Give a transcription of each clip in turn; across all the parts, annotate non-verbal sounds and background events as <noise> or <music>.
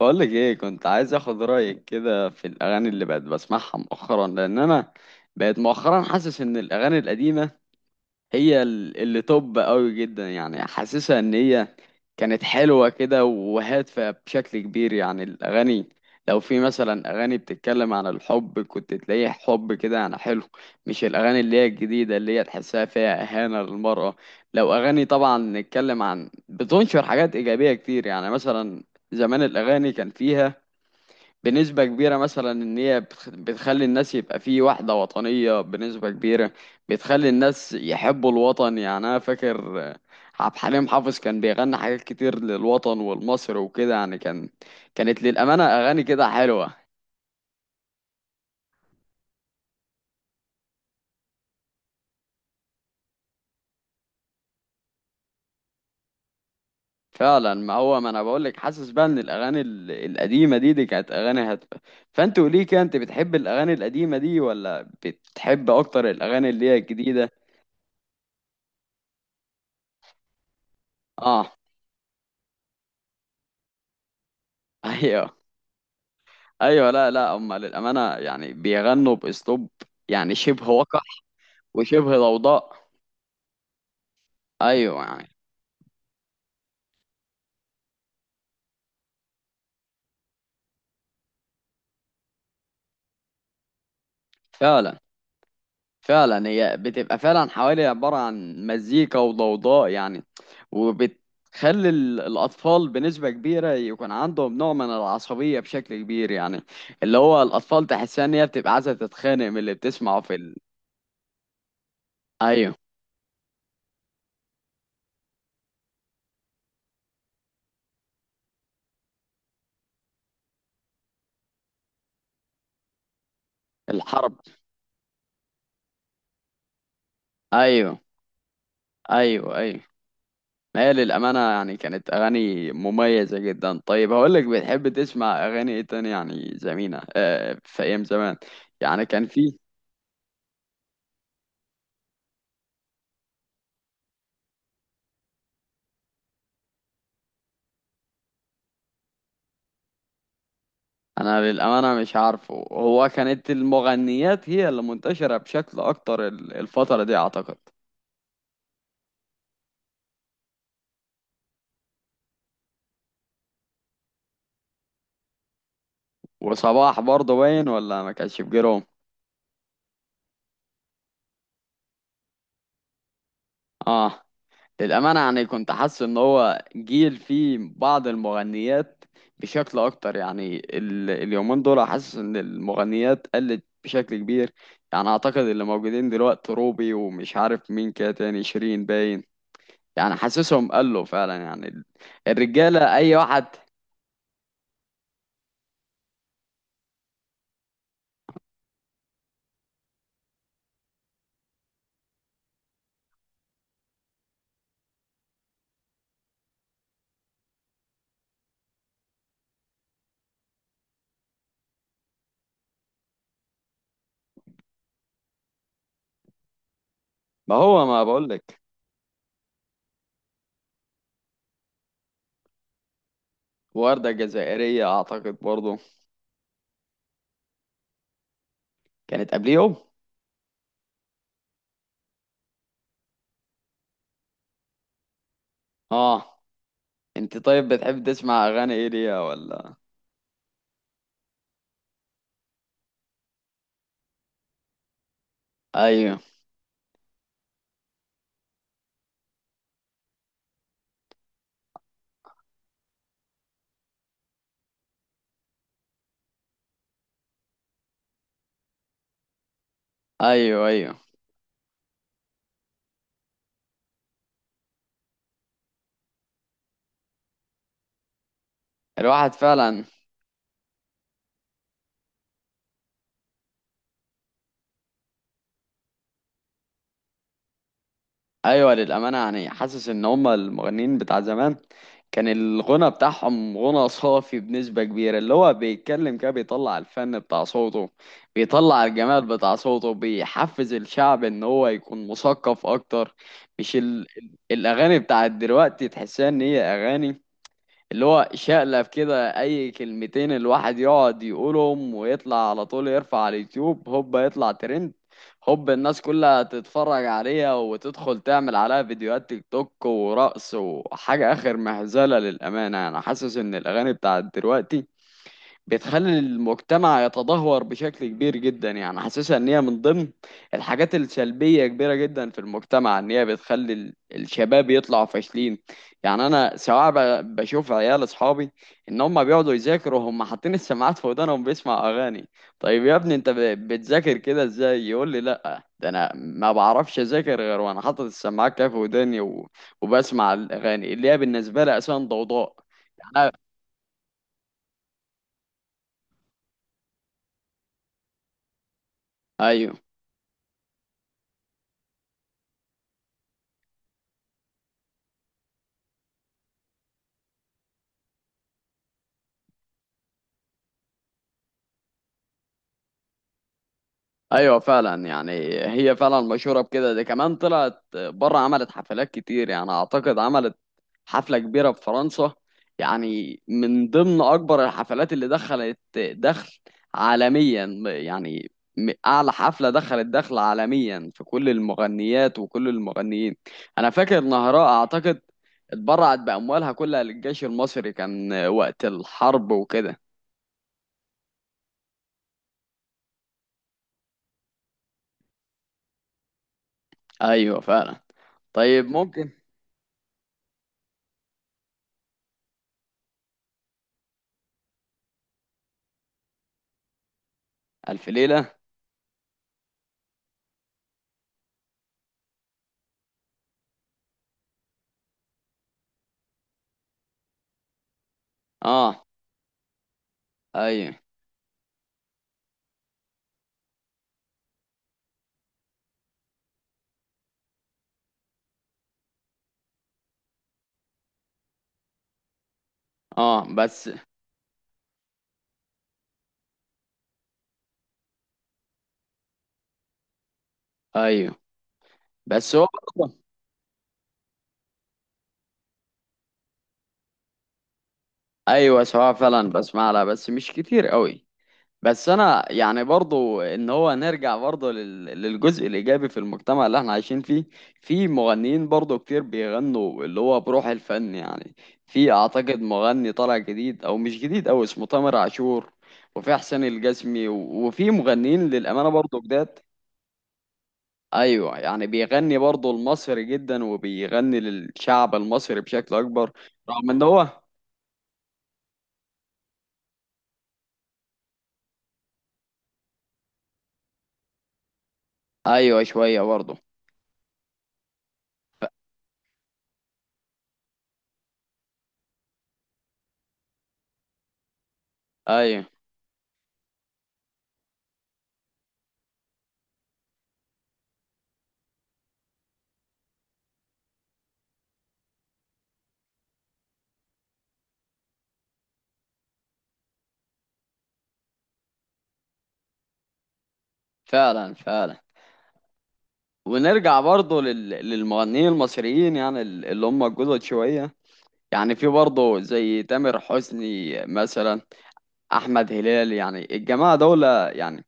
بقولك ايه، كنت عايز اخد رأيك كده في الاغاني اللي بقت بسمعها مؤخرا، لان انا بقيت مؤخرا حاسس ان الاغاني القديمة هي اللي توب قوي جدا. يعني حاسسها ان هي كانت حلوة كده وهادفة بشكل كبير. يعني الاغاني لو في مثلا اغاني بتتكلم عن الحب كنت تلاقيه حب كده يعني حلو، مش الاغاني اللي هي الجديدة اللي هي تحسها فيها اهانة للمرأة. لو اغاني طبعا نتكلم عن بتنشر حاجات ايجابية كتير، يعني مثلا زمان الاغاني كان فيها بنسبة كبيرة مثلا إن هي بتخلي الناس يبقى في وحدة وطنية بنسبة كبيرة، بتخلي الناس يحبوا الوطن. يعني أنا فاكر عبد الحليم حافظ كان بيغني حاجات كتير للوطن والمصر وكده. يعني كان كانت للأمانة أغاني كده حلوة. فعلا، ما هو ما أنا بقولك، حاسس بقى إن الأغاني القديمة دي كانت أغاني هادفة. فأنت قولي كده، أنت بتحب الأغاني القديمة دي ولا بتحب أكتر الأغاني اللي هي الجديدة؟ آه. <laughs> أيوه. ايوه، لا لا، هم للامانه يعني بيغنوا باسلوب يعني شبه وقح وشبه ضوضاء. ايوه يعني. فعلا، فعلا هي بتبقى فعلا حوالي عباره عن مزيكا وضوضاء يعني، وبتخلي الاطفال بنسبه كبيره يكون عندهم نوع من العصبيه بشكل كبير. يعني اللي هو الاطفال تحسها ان هي بتبقى عايزه تتخانق من اللي بتسمعه في ال... ايوه. الحرب. ايوه ايوه. ايوه، ما هي للأمانة يعني كانت أغاني مميزة جدا. طيب هقولك، بتحب تسمع أغاني إيه تاني؟ يعني زمينة، في أيام زمان يعني كان في. أنا للأمانة مش عارفه، هو كانت المغنيات هي اللي منتشرة بشكل أكتر الفترة دي أعتقد. وصباح برضه باين ولا ما كانش في جيرهم؟ آه. للأمانة يعني كنت حاسس إن هو جيل فيه بعض المغنيات بشكل أكتر. يعني اليومين دول حاسس إن المغنيات قلت بشكل كبير. يعني أعتقد اللي موجودين دلوقتي روبي ومش عارف مين كده تاني، شيرين باين. يعني حاسسهم قلوا فعلا. يعني الرجالة أي واحد. ما هو ما بقولك. وردة الجزائرية أعتقد برضه كانت قبليهم. آه. أنت طيب بتحب تسمع أغاني إيه ليها ولا؟ أيوه أيوه. أيوه. الواحد فعلا. ايوه، للامانه يعني حاسس ان هم المغنيين بتاع زمان كان الغنى بتاعهم غنى صافي بنسبه كبيره. اللي هو بيتكلم كده بيطلع الفن بتاع صوته، بيطلع الجمال بتاع صوته، بيحفز الشعب ان هو يكون مثقف اكتر. مش الاغاني بتاعت دلوقتي تحسها ان هي اغاني اللي هو شقلب كده اي كلمتين الواحد يقعد يقولهم ويطلع على طول، يرفع على اليوتيوب هوب يطلع ترند، هوب الناس كلها تتفرج عليها وتدخل تعمل عليها فيديوهات تيك توك ورقص وحاجة اخر مهزلة. للأمانة انا حاسس ان الاغاني بتاعت دلوقتي بتخلي المجتمع يتدهور بشكل كبير جدا. يعني حاسسها ان هي من ضمن الحاجات السلبية كبيرة جدا في المجتمع، ان هي بتخلي الشباب يطلعوا فاشلين. يعني انا سواء بشوف عيال اصحابي، ان هم بيقعدوا يذاكروا هم حاطين السماعات في ودانهم بيسمع اغاني. طيب يا ابني انت بتذاكر كده ازاي؟ يقول لي لا، ده انا ما بعرفش اذاكر غير وانا حاطط السماعات كده في وداني وبسمع الاغاني اللي هي بالنسبة لي اساسا ضوضاء. يعني ايوه. ايوه فعلا. يعني هي فعلا مشهوره بكده. دي كمان طلعت بره عملت حفلات كتير. يعني اعتقد عملت حفله كبيره في فرنسا، يعني من ضمن اكبر الحفلات اللي دخلت دخل عالميا. يعني اعلى حفله دخلت دخل عالميا في كل المغنيات وكل المغنيين. انا فاكر نهراء اعتقد اتبرعت باموالها كلها للجيش المصري، كان وقت الحرب وكده. ايوه فعلا. طيب ممكن. الف ليله. اه. ايوه. اه بس. ايوه. بس هو برضه. ايوه، سواء فعلا بسمع لها بس مش كتير قوي. بس انا يعني برضه ان هو نرجع برضه لل... للجزء الايجابي في المجتمع اللي احنا عايشين فيه. في مغنيين برضه كتير بيغنوا اللي هو بروح الفن يعني. في اعتقد مغني طالع جديد او مش جديد او اسمه تامر عاشور، وفي حسين الجسمي و... وفي مغنيين للامانه برضه جداد. ايوه، يعني بيغني برضه المصري جدا وبيغني للشعب المصري بشكل اكبر، رغم ان هو. ايوه شويه برضه. ايوه فعلا فعلا. ونرجع برضه لل... للمغنيين المصريين، يعني اللي هم الجدد شويه. يعني في برضه زي تامر حسني مثلا، احمد هلال، يعني الجماعه دول يعني.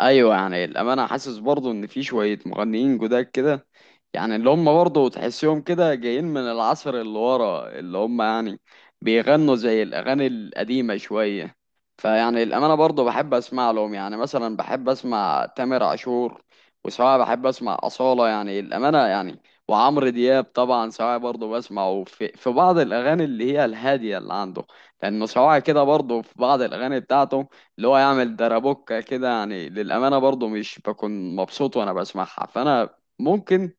ايوه. يعني الامانه حاسس برضو ان في شويه مغنيين جداد كده، يعني اللي هم برضو تحسهم كده جايين من العصر اللي ورا، اللي هم يعني بيغنوا زي الاغاني القديمه شويه. فيعني الامانه برضو بحب اسمع لهم. يعني مثلا بحب اسمع تامر عاشور، وسواء بحب اسمع اصاله، يعني الامانه يعني. وعمرو دياب طبعا سواء برضو بسمعه في بعض الاغاني اللي هي الهاديه اللي عنده، لانه سواء كده برضو في بعض الاغاني بتاعته اللي هو يعمل درابوكة كده. يعني للأمانة برضو مش بكون مبسوط وأنا بسمعها، فأنا ممكن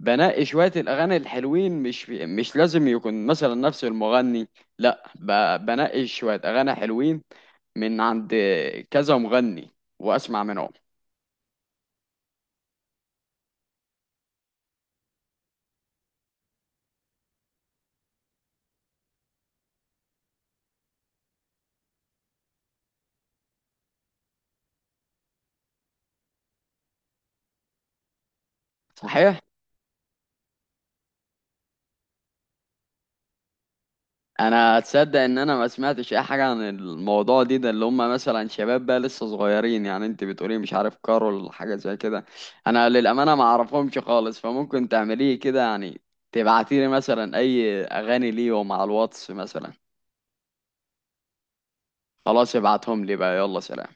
بنقي شوية الأغاني الحلوين. مش لازم يكون مثلا نفس المغني، لا، بنقي شوية أغاني حلوين من عند كذا مغني وأسمع منهم. صحيح؟ انا اتصدق ان انا ما سمعتش اي حاجه عن الموضوع دي، ده اللي هم مثلا شباب بقى لسه صغيرين؟ يعني انت بتقولي مش عارف كارول حاجه زي كده. انا للامانه ما اعرفهمش خالص، فممكن تعمليه كده يعني، تبعتيلي مثلا اي اغاني ليهم على الواتس مثلا. خلاص ابعتهم لي بقى، يلا سلام.